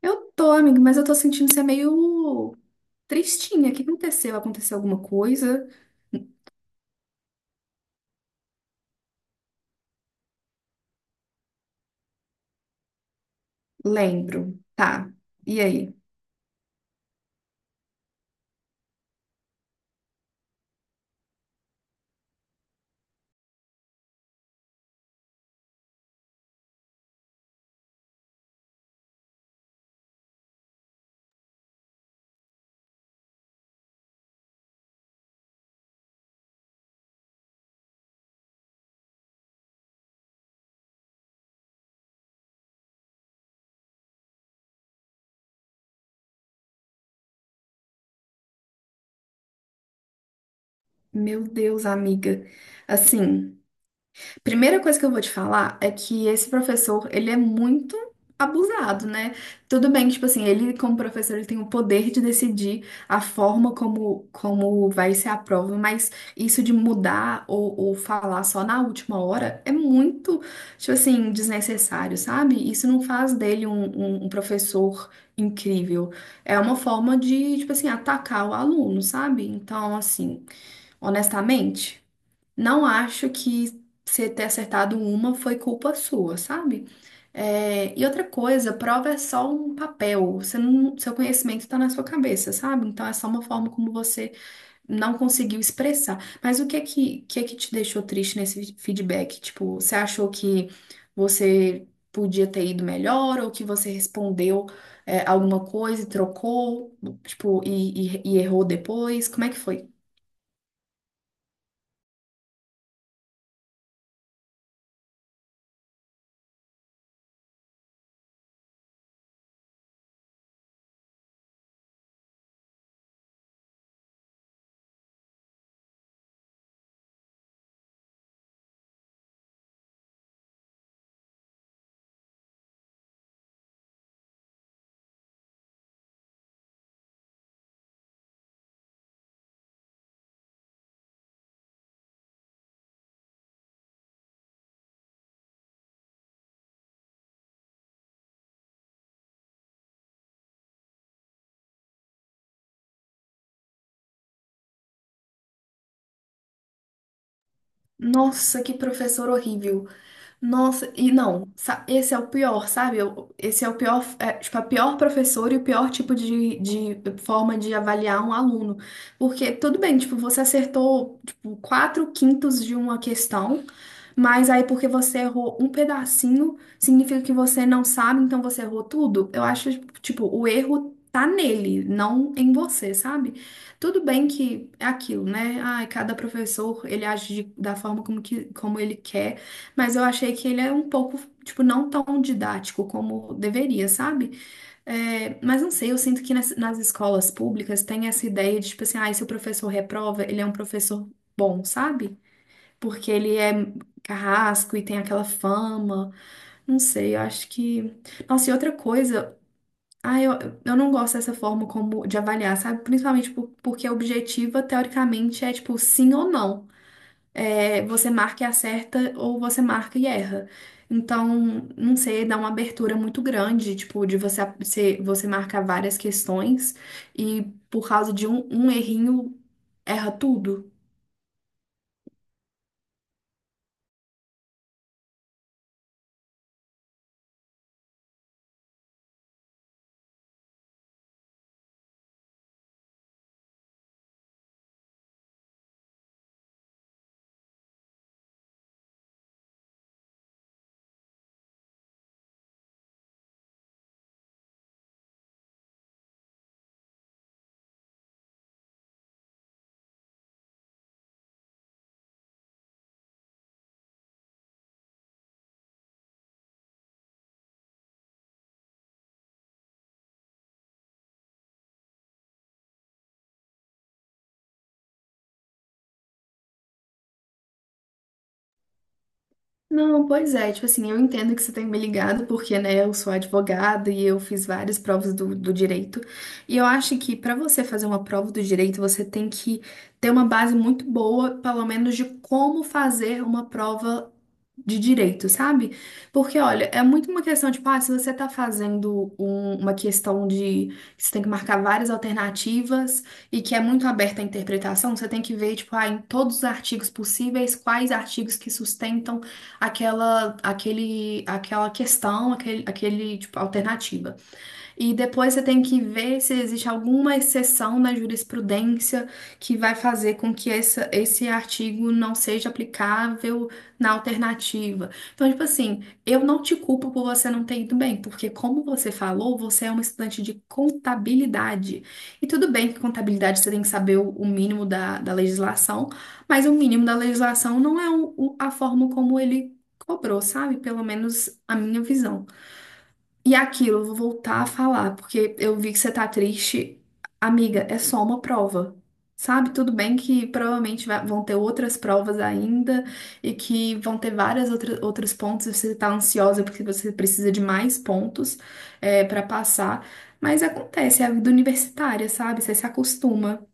Eu tô, amigo, mas eu tô sentindo ser meio tristinha. O que aconteceu? Aconteceu alguma coisa? Lembro. Tá. E aí? Meu Deus, amiga. Assim. Primeira coisa que eu vou te falar é que esse professor, ele é muito abusado, né? Tudo bem que, tipo assim, ele como professor, ele tem o poder de decidir a forma como, como vai ser a prova, mas isso de mudar ou falar só na última hora é muito, tipo assim, desnecessário, sabe? Isso não faz dele um professor incrível. É uma forma de, tipo assim, atacar o aluno, sabe? Então, assim, honestamente... Não acho que você ter acertado uma foi culpa sua, sabe? É, e outra coisa, prova é só um papel, você não- seu conhecimento está na sua cabeça, sabe? Então é só uma forma como você não conseguiu expressar. Mas o que é que te deixou triste nesse feedback? Tipo, você achou que você podia ter ido melhor ou que você respondeu, alguma coisa e trocou, tipo, e errou depois? Como é que foi? Nossa, que professor horrível. Nossa, e não, esse é o pior, sabe? Esse é o pior, é, tipo, a pior professora e o pior tipo de forma de avaliar um aluno. Porque tudo bem, tipo, você acertou, tipo, quatro quintos de uma questão, mas aí porque você errou um pedacinho, significa que você não sabe, então você errou tudo. Eu acho, tipo, o erro tá nele, não em você, sabe? Tudo bem que é aquilo, né? Ai, cada professor, ele age da forma como ele quer. Mas eu achei que ele é um pouco, tipo, não tão didático como deveria, sabe? É, mas não sei, eu sinto que nas escolas públicas tem essa ideia de, tipo assim, ah, se o professor reprova, ele é um professor bom, sabe? Porque ele é carrasco e tem aquela fama. Não sei, eu acho que. Nossa, e outra coisa. Ah, eu não gosto dessa forma como de avaliar, sabe? Principalmente porque a objetiva, teoricamente, é tipo sim ou não é, você marca e acerta ou você marca e erra. Então, não sei, dá uma abertura muito grande, tipo, de você marcar várias questões e por causa de um errinho, erra tudo. Não, pois é, tipo assim, eu entendo que você tem me ligado, porque, né, eu sou advogada e eu fiz várias provas do direito. E eu acho que para você fazer uma prova do direito, você tem que ter uma base muito boa, pelo menos, de como fazer uma prova de direito, sabe? Porque, olha, é muito uma questão, de, tipo, ah, se você tá fazendo uma questão de que você tem que marcar várias alternativas e que é muito aberta à interpretação, você tem que ver, tipo, ah, em todos os artigos possíveis, quais artigos que sustentam aquela questão, tipo, alternativa. E depois você tem que ver se existe alguma exceção na jurisprudência que vai fazer com que esse artigo não seja aplicável na alternativa. Então, tipo assim, eu não te culpo por você não ter ido bem, porque, como você falou, você é uma estudante de contabilidade. E tudo bem que contabilidade você tem que saber o mínimo da legislação, mas o mínimo da legislação não é a forma como ele cobrou, sabe? Pelo menos a minha visão. E aquilo, eu vou voltar a falar, porque eu vi que você tá triste. Amiga, é só uma prova. Sabe? Tudo bem que provavelmente vão ter outras provas ainda e que vão ter várias outras, outros pontos. Você tá ansiosa porque você precisa de mais pontos para passar. Mas acontece, é a vida universitária, sabe? Você se acostuma.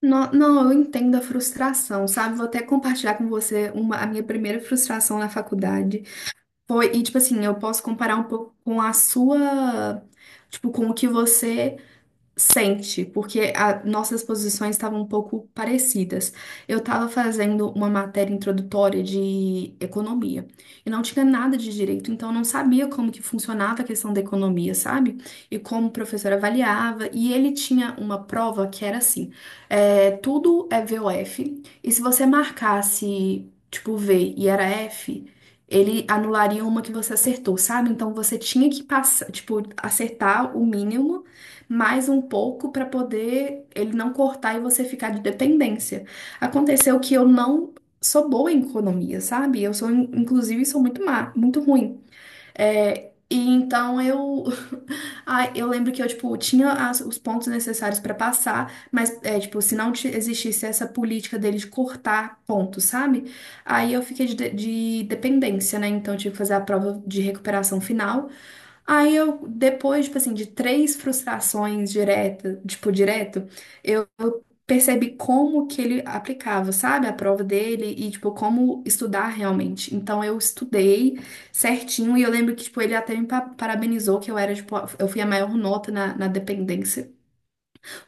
Não, não, eu entendo a frustração, sabe? Vou até compartilhar com você a minha primeira frustração na faculdade. Foi, e tipo assim, eu posso comparar um pouco com a sua, tipo, com o que você sente, porque nossas posições estavam um pouco parecidas. Eu estava fazendo uma matéria introdutória de economia e não tinha nada de direito, então eu não sabia como que funcionava a questão da economia, sabe? E como o professor avaliava. E ele tinha uma prova que era assim: é, tudo é V O f e se você marcasse tipo V e era F. Ele anularia uma que você acertou, sabe? Então você tinha que passar, tipo, acertar o mínimo mais um pouco para poder ele não cortar e você ficar de dependência. Aconteceu que eu não sou boa em economia, sabe? Eu sou, inclusive, sou muito má, muito ruim. É, e então eu, ah, eu lembro que eu tipo tinha os pontos necessários para passar, mas é, tipo se não existisse essa política dele de cortar pontos, sabe? Aí eu fiquei de dependência, né? Então eu tive que fazer a prova de recuperação final. Aí eu, depois, tipo assim, de três frustrações direto, tipo, direto, eu eu percebi como que ele aplicava, sabe, a prova dele e, tipo, como estudar realmente. Então eu estudei certinho e eu lembro que, tipo, ele até me parabenizou que eu era, tipo, eu fui a maior nota na dependência.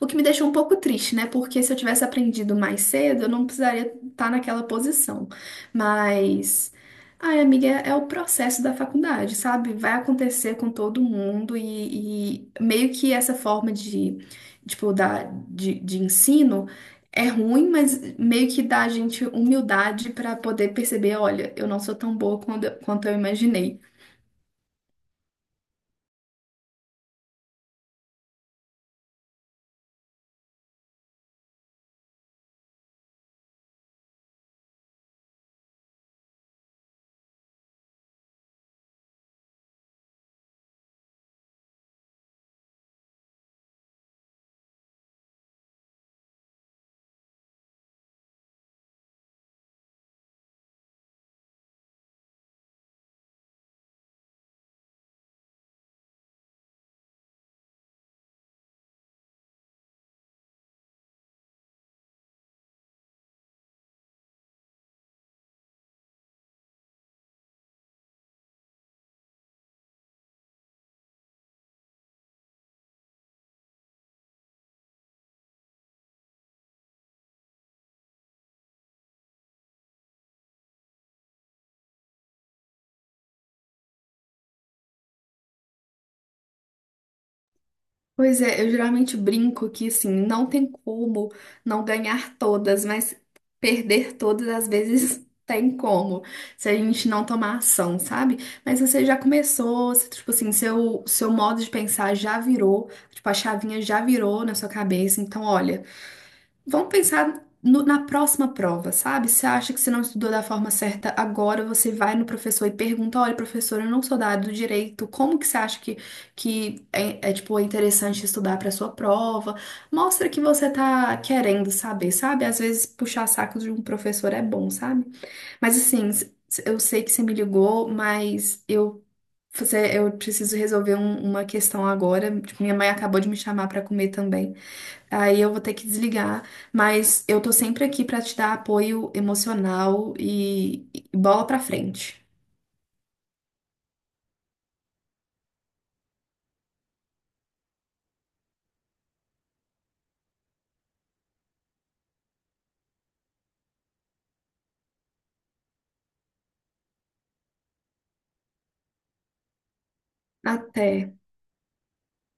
O que me deixou um pouco triste, né? Porque se eu tivesse aprendido mais cedo, eu não precisaria estar naquela posição. Mas, ai, amiga, é é o processo da faculdade, sabe? Vai acontecer com todo mundo e meio que essa forma de, tipo, de ensino é ruim, mas meio que dá a gente humildade para poder perceber, olha, eu não sou tão boa quanto eu imaginei. Pois é, eu geralmente brinco que assim, não tem como não ganhar todas, mas perder todas às vezes tem como, se a gente não tomar ação, sabe? Mas você já começou, você, tipo assim, seu modo de pensar já virou, tipo, a chavinha já virou na sua cabeça, então olha. Vamos pensar na próxima prova, sabe? Você acha que você não estudou da forma certa agora, você vai no professor e pergunta: olha, professor, eu não sou da área do direito, como que você acha que, tipo, é interessante estudar para sua prova? Mostra que você tá querendo saber, sabe? Às vezes puxar sacos de um professor é bom, sabe? Mas assim, eu sei que você me ligou, mas eu. Você, eu preciso resolver uma questão agora. Tipo, minha mãe acabou de me chamar para comer também. Aí eu vou ter que desligar, mas eu tô sempre aqui pra te dar apoio emocional e bola pra frente. Até.